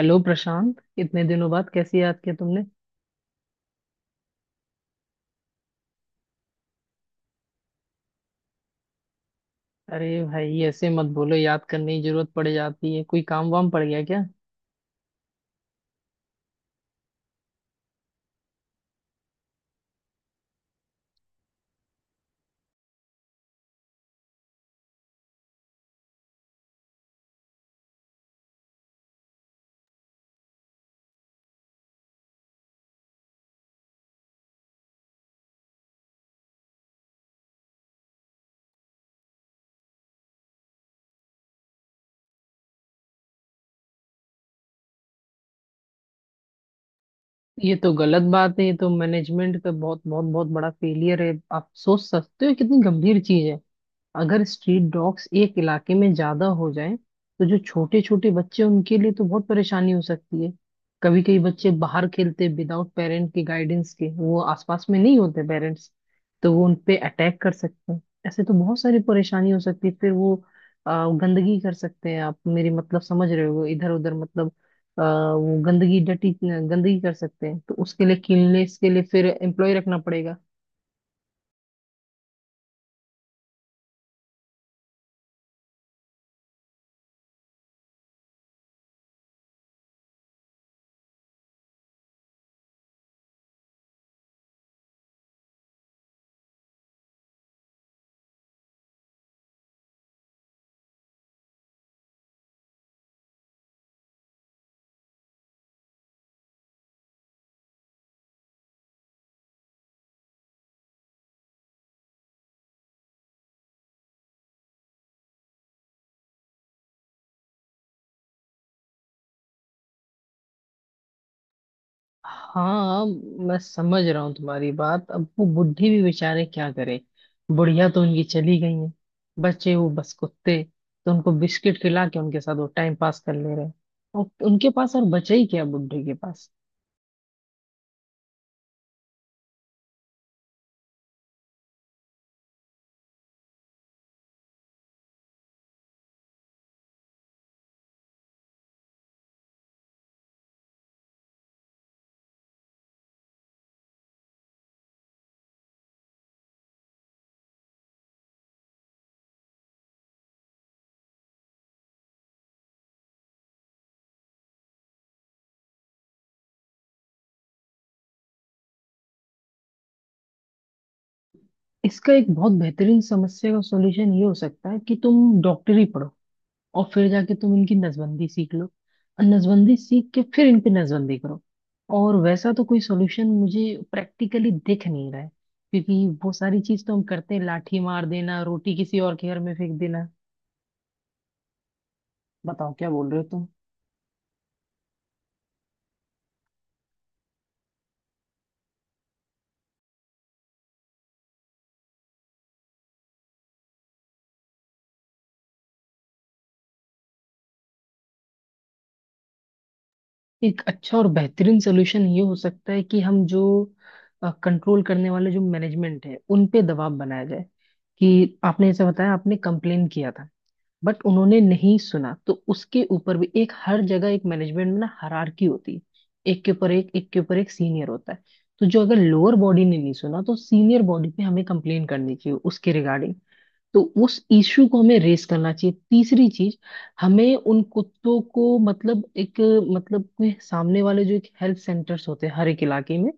Hello Prashant, इतने दिनों बाद कैसे याद किया तुमने। अरे भाई ऐसे मत बोलो, याद करने की जरूरत पड़ जाती है, कोई काम वाम पड़ गया क्या। ये तो गलत बात है, ये तो मैनेजमेंट का बहुत बहुत बहुत बड़ा फेलियर है। आप सोच सकते हो कितनी गंभीर चीज है। अगर स्ट्रीट डॉग्स एक इलाके में ज्यादा हो जाएं तो जो छोटे छोटे बच्चे हैं, उनके लिए तो बहुत परेशानी हो सकती है। कभी कभी बच्चे बाहर खेलते विदाउट पेरेंट के गाइडेंस के, वो आसपास में नहीं होते पेरेंट्स, तो वो उन पे अटैक कर सकते हैं। ऐसे तो बहुत सारी परेशानी हो सकती है। फिर वो गंदगी कर सकते हैं। आप मेरी मतलब समझ रहे हो, इधर उधर मतलब आ, वो गंदगी, डटी गंदगी कर सकते हैं, तो उसके लिए क्लीननेस के लिए फिर एम्प्लॉय रखना पड़ेगा। हाँ, मैं समझ रहा हूँ तुम्हारी बात। अब वो बुढ़ी भी बेचारे क्या करे, बुढ़िया तो उनकी चली गई है, बचे वो बस कुत्ते, तो उनको बिस्किट खिला के उनके साथ वो टाइम पास कर ले रहे हैं। और उनके पास और बचा ही क्या बुढ़े के पास। इसका एक बहुत बेहतरीन समस्या का सॉल्यूशन ये हो सकता है कि तुम डॉक्टरी पढ़ो, और फिर जाके तुम इनकी नसबंदी सीख लो, और नसबंदी सीख के फिर इन पे नसबंदी करो। और वैसा तो कोई सॉल्यूशन मुझे प्रैक्टिकली दिख नहीं रहा है, क्योंकि वो सारी चीज तो हम करते हैं, लाठी मार देना, रोटी किसी और के घर में फेंक देना। बताओ क्या बोल रहे हो तुम। एक अच्छा और बेहतरीन सोल्यूशन ये हो सकता है कि हम जो कंट्रोल करने वाले जो मैनेजमेंट है उन पे दबाव बनाया जाए, कि आपने ऐसा बताया, आपने कंप्लेन किया था बट उन्होंने नहीं सुना। तो उसके ऊपर भी एक, हर जगह एक मैनेजमेंट में ना हायरार्की होती है, एक के ऊपर एक, एक के ऊपर एक सीनियर होता है। तो जो अगर लोअर बॉडी ने नहीं सुना तो सीनियर बॉडी पे हमें कंप्लेन करनी चाहिए उसके रिगार्डिंग। तो उस इश्यू को हमें रेस करना चाहिए। तीसरी चीज, हमें उन कुत्तों को मतलब एक, मतलब कोई सामने वाले जो एक हेल्थ सेंटर्स होते हैं हर एक इलाके में,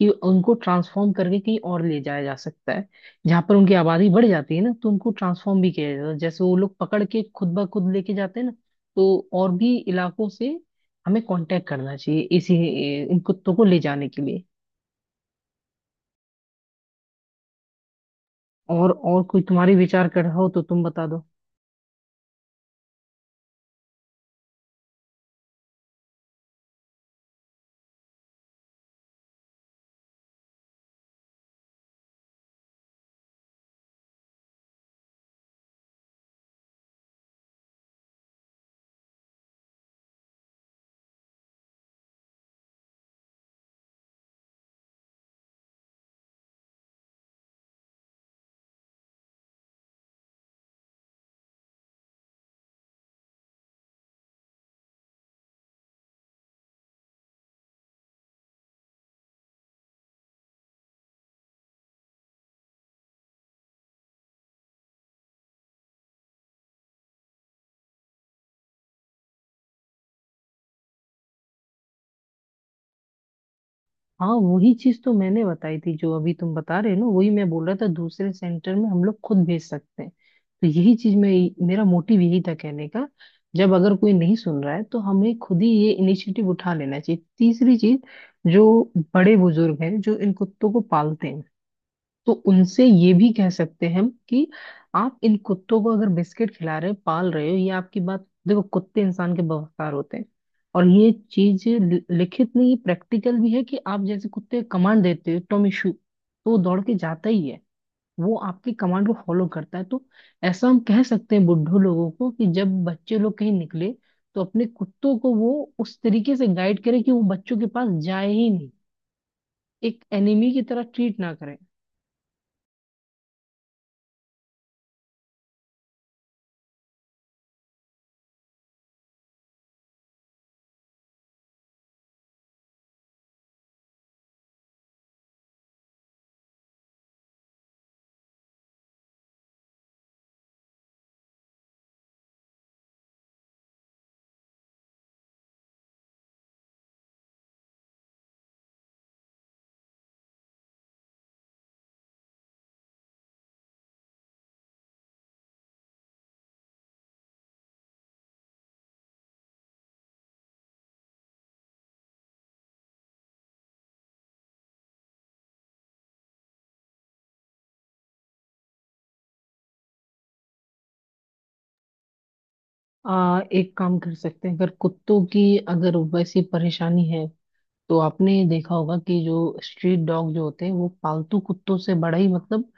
कि उनको ट्रांसफॉर्म करके कहीं और ले जाया जा सकता है। जहां पर उनकी आबादी बढ़ जाती है ना, तो उनको ट्रांसफॉर्म भी किया जाता है, जैसे वो लोग पकड़ के खुद ब खुद लेके जाते हैं ना। तो और भी इलाकों से हमें कांटेक्ट करना चाहिए इसी, इन कुत्तों को ले जाने के लिए। और कोई तुम्हारे विचार कर रहा हो तो तुम बता दो। हाँ, वही चीज तो मैंने बताई थी, जो अभी तुम बता रहे हो ना, वही मैं बोल रहा था, दूसरे सेंटर में हम लोग खुद भेज सकते हैं। तो यही चीज, मैं मेरा मोटिव यही था कहने का, जब अगर कोई नहीं सुन रहा है तो हमें खुद ही ये इनिशिएटिव उठा लेना चाहिए। तीसरी चीज, जो बड़े बुजुर्ग हैं जो इन कुत्तों को पालते हैं, तो उनसे ये भी कह सकते हैं हम कि आप इन कुत्तों को अगर बिस्किट खिला रहे हो, पाल रहे हो, ये आपकी बात, देखो कुत्ते इंसान के बफादार होते हैं, और ये चीज लिखित नहीं प्रैक्टिकल भी है कि आप जैसे कुत्ते को कमांड देते हो टॉमी शू, तो वो दौड़ के जाता ही है, वो आपकी कमांड को फॉलो करता है। तो ऐसा हम कह सकते हैं बुड्ढों लोगों को कि जब बच्चे लोग कहीं निकले तो अपने कुत्तों को वो उस तरीके से गाइड करे कि वो बच्चों के पास जाए ही नहीं, एक एनिमी की तरह ट्रीट ना करे। एक काम कर सकते हैं, अगर कुत्तों की अगर वैसी परेशानी है तो आपने देखा होगा कि जो स्ट्रीट डॉग जो होते हैं वो पालतू कुत्तों से बड़ा ही मतलब,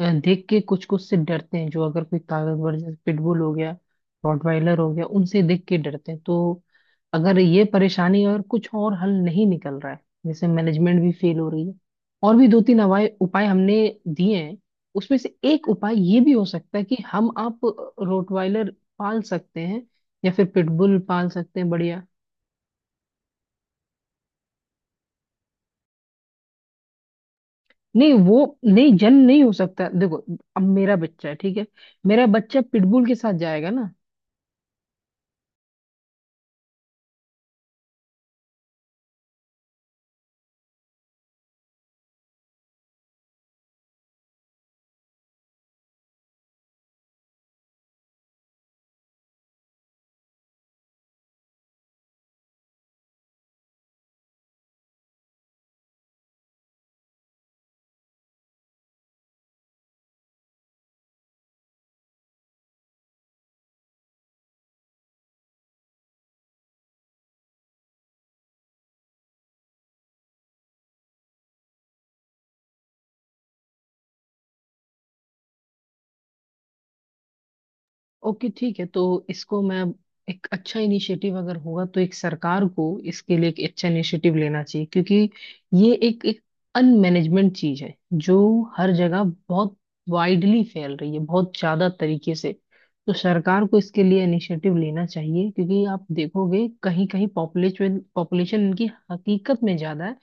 या देख के कुछ कुछ से डरते हैं, जो अगर कोई ताकतवर जैसे पिटबुल हो गया, रॉटवाइलर हो गया, उनसे देख के डरते हैं। तो अगर ये परेशानी, अगर कुछ और हल नहीं निकल रहा है, जैसे मैनेजमेंट भी फेल हो रही है, और भी दो तीन उपाय उपाय हमने दिए हैं, उसमें से एक उपाय ये भी हो सकता है कि हम आप रोटवाइलर पाल सकते हैं, या फिर पिटबुल पाल सकते हैं, बढ़िया। नहीं वो, नहीं जन नहीं हो सकता, देखो अब मेरा बच्चा है ठीक है, मेरा बच्चा पिटबुल के साथ जाएगा ना। ओके ठीक है, तो इसको मैं, एक अच्छा इनिशिएटिव अगर होगा तो एक सरकार को इसके लिए एक अच्छा इनिशिएटिव लेना चाहिए, क्योंकि ये एक एक अनमैनेजमेंट चीज है, जो हर जगह बहुत वाइडली फैल रही है, बहुत ज्यादा तरीके से। तो सरकार को इसके लिए इनिशिएटिव लेना चाहिए, क्योंकि आप देखोगे कहीं कहीं पॉपुलेशन पॉपुलेशन इनकी हकीकत में ज्यादा है।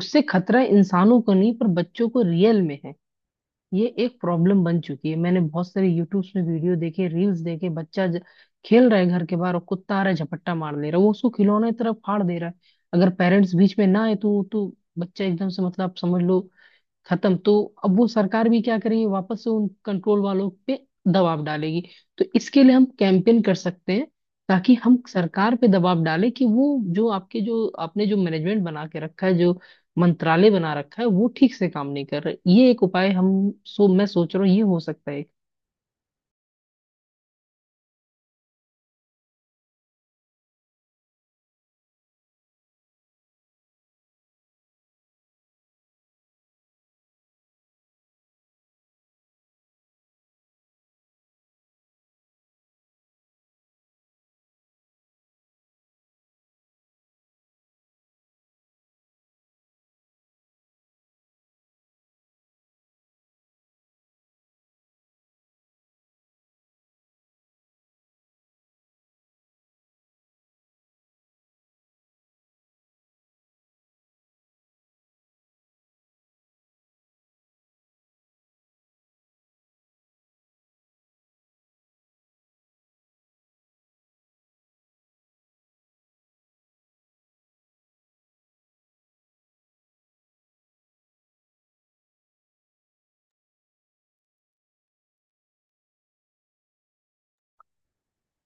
उससे खतरा इंसानों को नहीं पर बच्चों को रियल में है। ये एक प्रॉब्लम बन चुकी है, मैंने बहुत सारे यूट्यूब्स में वीडियो देखे, रील्स देखे, खेल रहा है घर के बाहर और कुत्ता आ रहा है, झपट्टा मार दे रहा है, वो उसको खिलौने की तरफ फाड़ दे रहा है। अगर पेरेंट्स बीच में ना आए तो बच्चा एकदम से मतलब आप समझ लो खत्म। तो अब वो सरकार भी क्या करेगी, वापस से उन कंट्रोल वालों पे दबाव डालेगी। तो इसके लिए हम कैंपेन कर सकते हैं, ताकि हम सरकार पे दबाव डालें कि वो जो आपके जो आपने जो मैनेजमेंट बना के रखा है, जो मंत्रालय बना रखा है, वो ठीक से काम नहीं कर रहे। ये एक उपाय हम, सो मैं सोच रहा हूँ ये हो सकता है।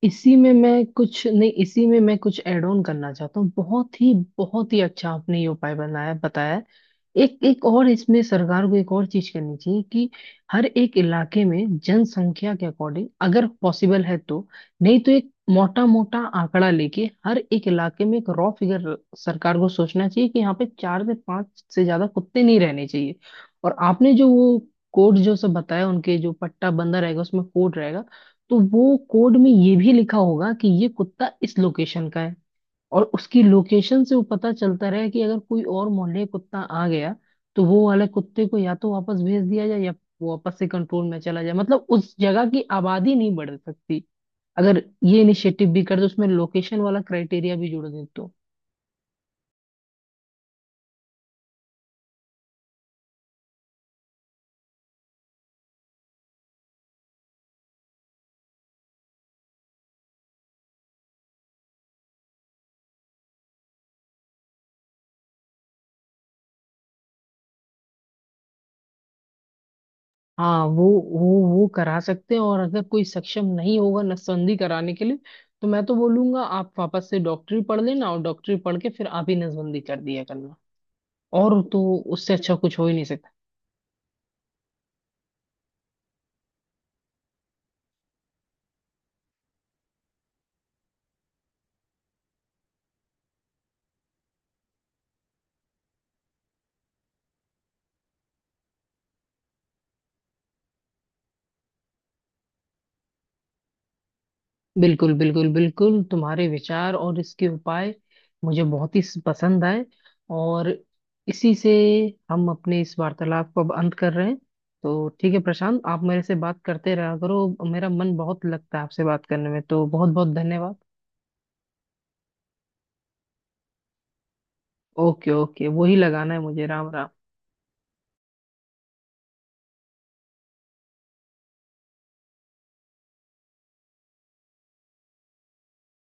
इसी में मैं कुछ नहीं, इसी में मैं कुछ ऐड ऑन करना चाहता हूँ। बहुत ही अच्छा आपने ये उपाय बनाया बताया है। एक एक और इसमें सरकार को एक और चीज करनी चाहिए कि हर एक इलाके में जनसंख्या के अकॉर्डिंग अगर पॉसिबल है तो, नहीं तो एक मोटा मोटा आंकड़ा लेके, हर एक इलाके में एक रॉ फिगर सरकार को सोचना चाहिए कि यहाँ पे चार से पांच से ज्यादा कुत्ते नहीं रहने चाहिए। और आपने जो वो कोड जो सब बताया, उनके जो पट्टा बंदा रहेगा उसमें कोड रहेगा, तो वो कोड में ये भी लिखा होगा कि ये कुत्ता इस लोकेशन का है। और उसकी लोकेशन से वो पता चलता रहे कि अगर कोई और मोहल्ले कुत्ता आ गया, तो वो वाले कुत्ते को या तो वापस भेज दिया जाए, या वो वापस से कंट्रोल में चला जाए, मतलब उस जगह की आबादी नहीं बढ़ सकती। अगर ये इनिशिएटिव भी कर दो, उसमें लोकेशन वाला क्राइटेरिया भी जोड़ दे तो। हाँ, वो वो करा सकते हैं, और अगर कोई सक्षम नहीं होगा नसबंदी कराने के लिए तो मैं तो बोलूंगा आप वापस से डॉक्टरी पढ़ लेना, और डॉक्टरी पढ़ के फिर आप ही नसबंदी कर दिया करना। और तो उससे अच्छा कुछ हो ही नहीं सकता। बिल्कुल बिल्कुल बिल्कुल तुम्हारे विचार और इसके उपाय मुझे बहुत ही पसंद आए। और इसी से हम अपने इस वार्तालाप को अब अंत कर रहे हैं। तो ठीक है प्रशांत, आप मेरे से बात करते रहा करो, मेरा मन बहुत लगता है आपसे बात करने में, तो बहुत बहुत धन्यवाद। ओके ओके, वही लगाना है मुझे, राम राम।